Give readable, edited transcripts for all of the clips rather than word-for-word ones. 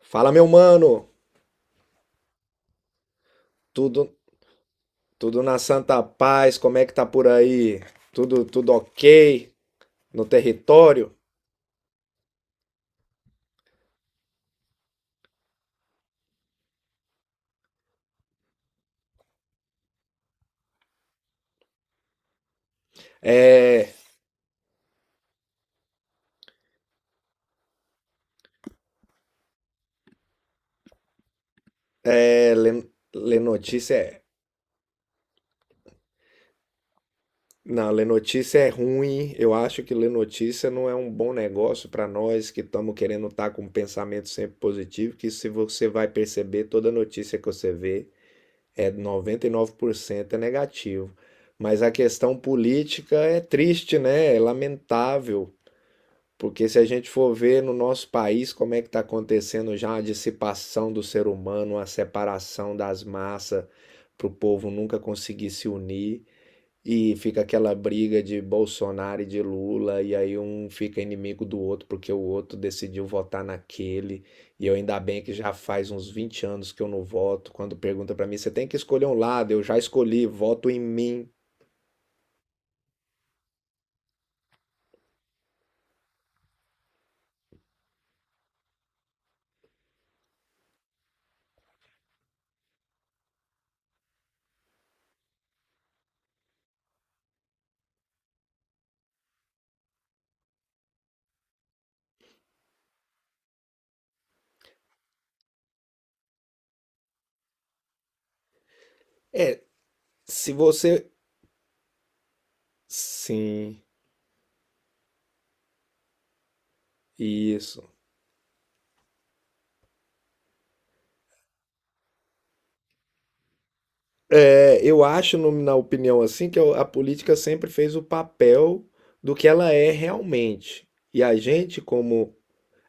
Fala, meu mano. Tudo tudo na santa paz? Como é que tá por aí? Tudo OK no território? É, é lê, lê notícia é Não, ler notícia é ruim. Eu acho que ler notícia não é um bom negócio para nós que estamos querendo estar com um pensamento sempre positivo, que se você vai perceber, toda notícia que você vê é 99% é negativo. Mas a questão política é triste, né? É lamentável. Porque se a gente for ver no nosso país como é que está acontecendo já a dissipação do ser humano, a separação das massas, para o povo nunca conseguir se unir, e fica aquela briga de Bolsonaro e de Lula, e aí um fica inimigo do outro porque o outro decidiu votar naquele. E eu ainda bem que já faz uns 20 anos que eu não voto. Quando pergunta para mim, você tem que escolher um lado, eu já escolhi, voto em mim. É, se você. Sim, isso. É, eu acho, na opinião assim, que a política sempre fez o papel do que ela é realmente. E a gente, como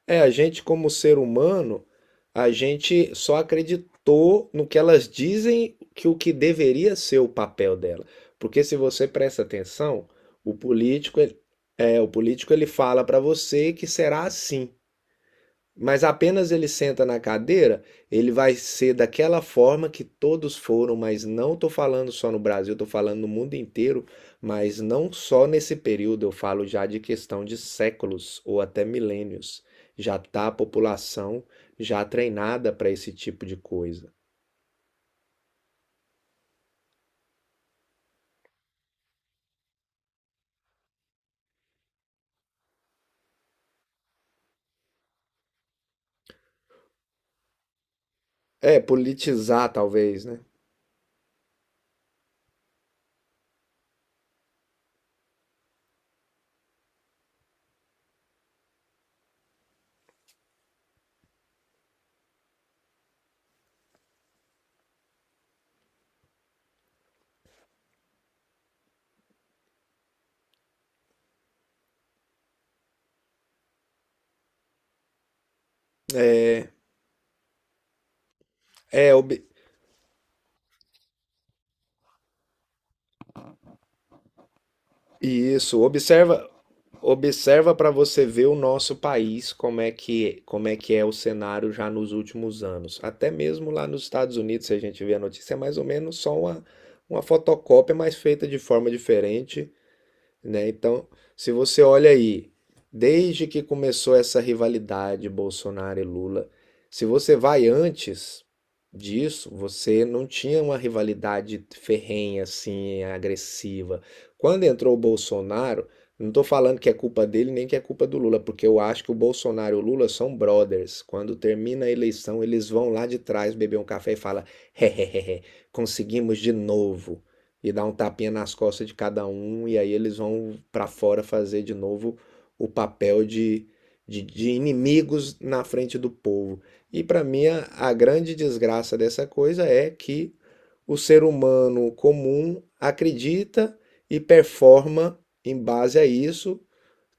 a gente como ser humano, a gente só acreditou no que elas dizem que o que deveria ser o papel dela. Porque se você presta atenção, o político, ele- o político ele fala para você que será assim. Mas apenas ele senta na cadeira, ele vai ser daquela forma que todos foram, mas não estou falando só no Brasil, estou falando no mundo inteiro, mas não só nesse período, eu falo já de questão de séculos ou até milênios. Já está a população já treinada para esse tipo de coisa. É, politizar talvez, né? É, é ob- Isso, observa para você ver o nosso país, como é que é o cenário já nos últimos anos. Até mesmo lá nos Estados Unidos, se a gente vê a notícia, é mais ou menos só uma fotocópia, mas feita de forma diferente, né? Então, se você olha aí, desde que começou essa rivalidade Bolsonaro e Lula, se você vai antes disso, você não tinha uma rivalidade ferrenha assim, agressiva. Quando entrou o Bolsonaro, não estou falando que é culpa dele nem que é culpa do Lula, porque eu acho que o Bolsonaro e o Lula são brothers. Quando termina a eleição, eles vão lá de trás beber um café e falam: hehehe, conseguimos de novo e dá um tapinha nas costas de cada um, e aí eles vão para fora fazer de novo o papel de inimigos na frente do povo. E para mim, a grande desgraça dessa coisa é que o ser humano comum acredita e performa em base a isso,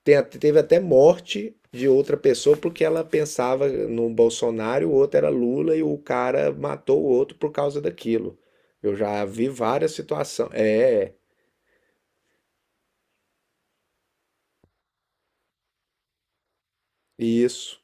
tem teve até morte de outra pessoa porque ela pensava no Bolsonaro, o outro era Lula e o cara matou o outro por causa daquilo. Eu já vi várias situações. É, isso.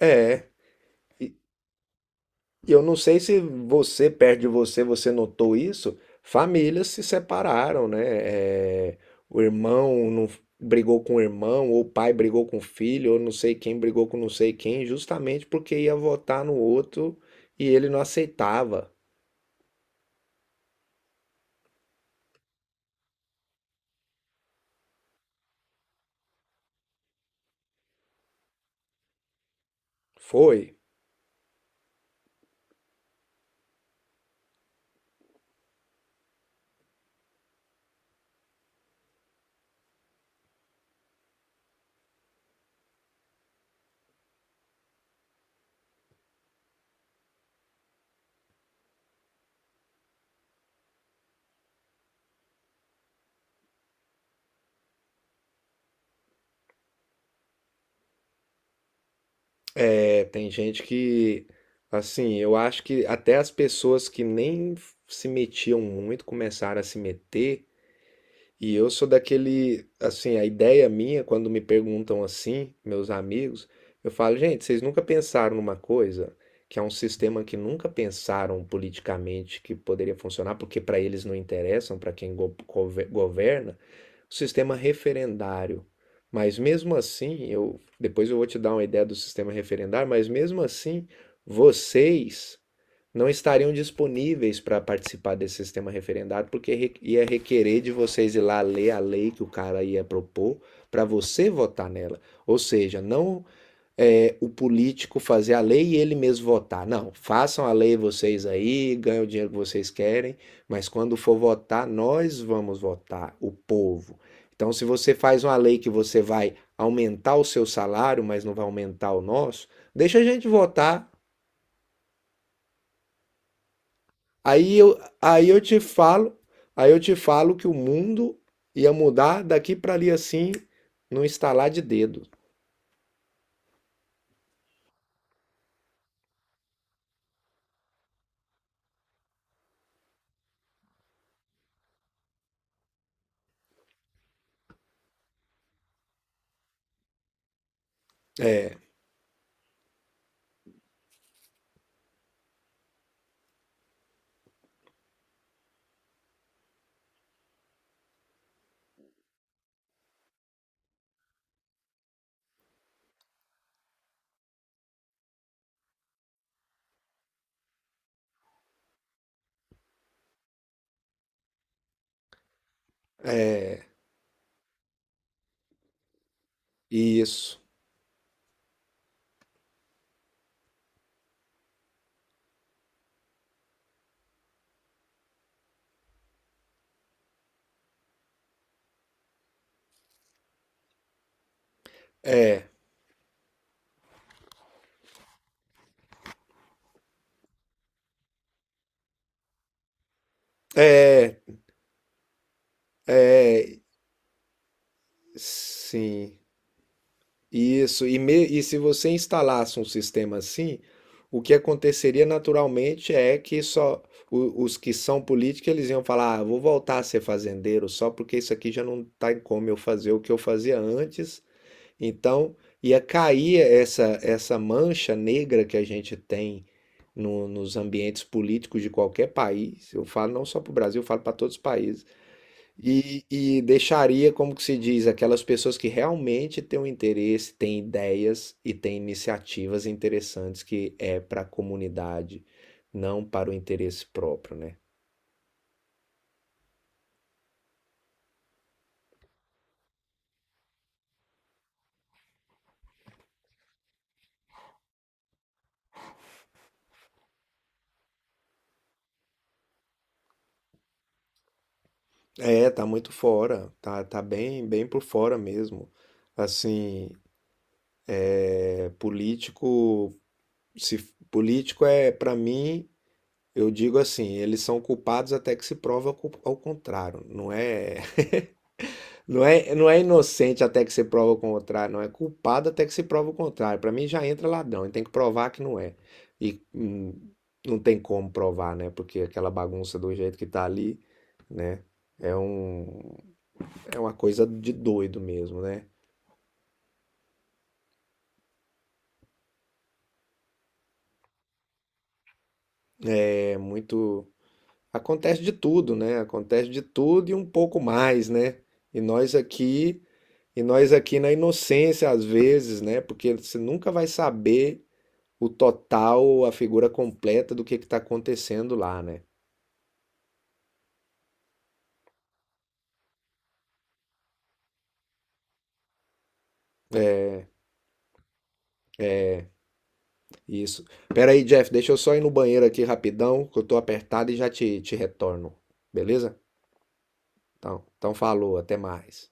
É. E e eu não sei se você, perto de você, você notou isso. Famílias se separaram, né? É, o irmão não brigou com o irmão, ou o pai brigou com o filho, ou não sei quem brigou com não sei quem, justamente porque ia votar no outro e ele não aceitava. Foi. É, tem gente que, assim, eu acho que até as pessoas que nem se metiam muito começaram a se meter. E eu sou daquele, assim, a ideia minha, quando me perguntam assim, meus amigos, eu falo, gente, vocês nunca pensaram numa coisa que é um sistema que nunca pensaram politicamente que poderia funcionar, porque para eles não interessam, para quem governa, o sistema referendário. Mas mesmo assim, eu depois eu vou te dar uma ideia do sistema referendário, mas mesmo assim, vocês não estariam disponíveis para participar desse sistema referendário, porque ia requerer de vocês ir lá ler a lei que o cara ia propor para você votar nela. Ou seja, não é, o político fazer a lei e ele mesmo votar. Não, façam a lei vocês aí, ganhem o dinheiro que vocês querem, mas quando for votar, nós vamos votar, o povo. Então, se você faz uma lei que você vai aumentar o seu salário, mas não vai aumentar o nosso, deixa a gente votar. Aí eu, aí eu te falo, aí eu te falo que o mundo ia mudar daqui para ali assim, num estalar de dedo. É, isso. É, sim, isso. E se você instalasse um sistema assim, o que aconteceria naturalmente é que só os que são políticos eles iam falar, ah, vou voltar a ser fazendeiro só porque isso aqui já não está em como eu fazer o que eu fazia antes. Então, ia cair essa mancha negra que a gente tem nos ambientes políticos de qualquer país. Eu falo não só para o Brasil, eu falo para todos os países. E deixaria, como que se diz, aquelas pessoas que realmente têm um interesse, têm ideias e têm iniciativas interessantes que é para a comunidade, não para o interesse próprio, né? É, tá muito fora, tá bem, bem por fora mesmo. Assim, é, político Se f- político é, para mim, eu digo assim, eles são culpados até que se prova ao contrário. Não é, não é inocente até que se prova o contrário, não é culpado até que se prova o contrário. Para mim já entra ladrão, e tem que provar que não é. E hum, não tem como provar, né? Porque aquela bagunça do jeito que tá ali, né? É um, é uma coisa de doido mesmo, né? É muito, Acontece de tudo, né? Acontece de tudo e um pouco mais, né? E nós aqui E nós aqui na inocência, às vezes, né? Porque você nunca vai saber o total, a figura completa do que está acontecendo lá, né? Isso. Pera aí, Jeff, deixa eu só ir no banheiro aqui rapidão, que eu tô apertado e já te retorno. Beleza? Então falou, até mais.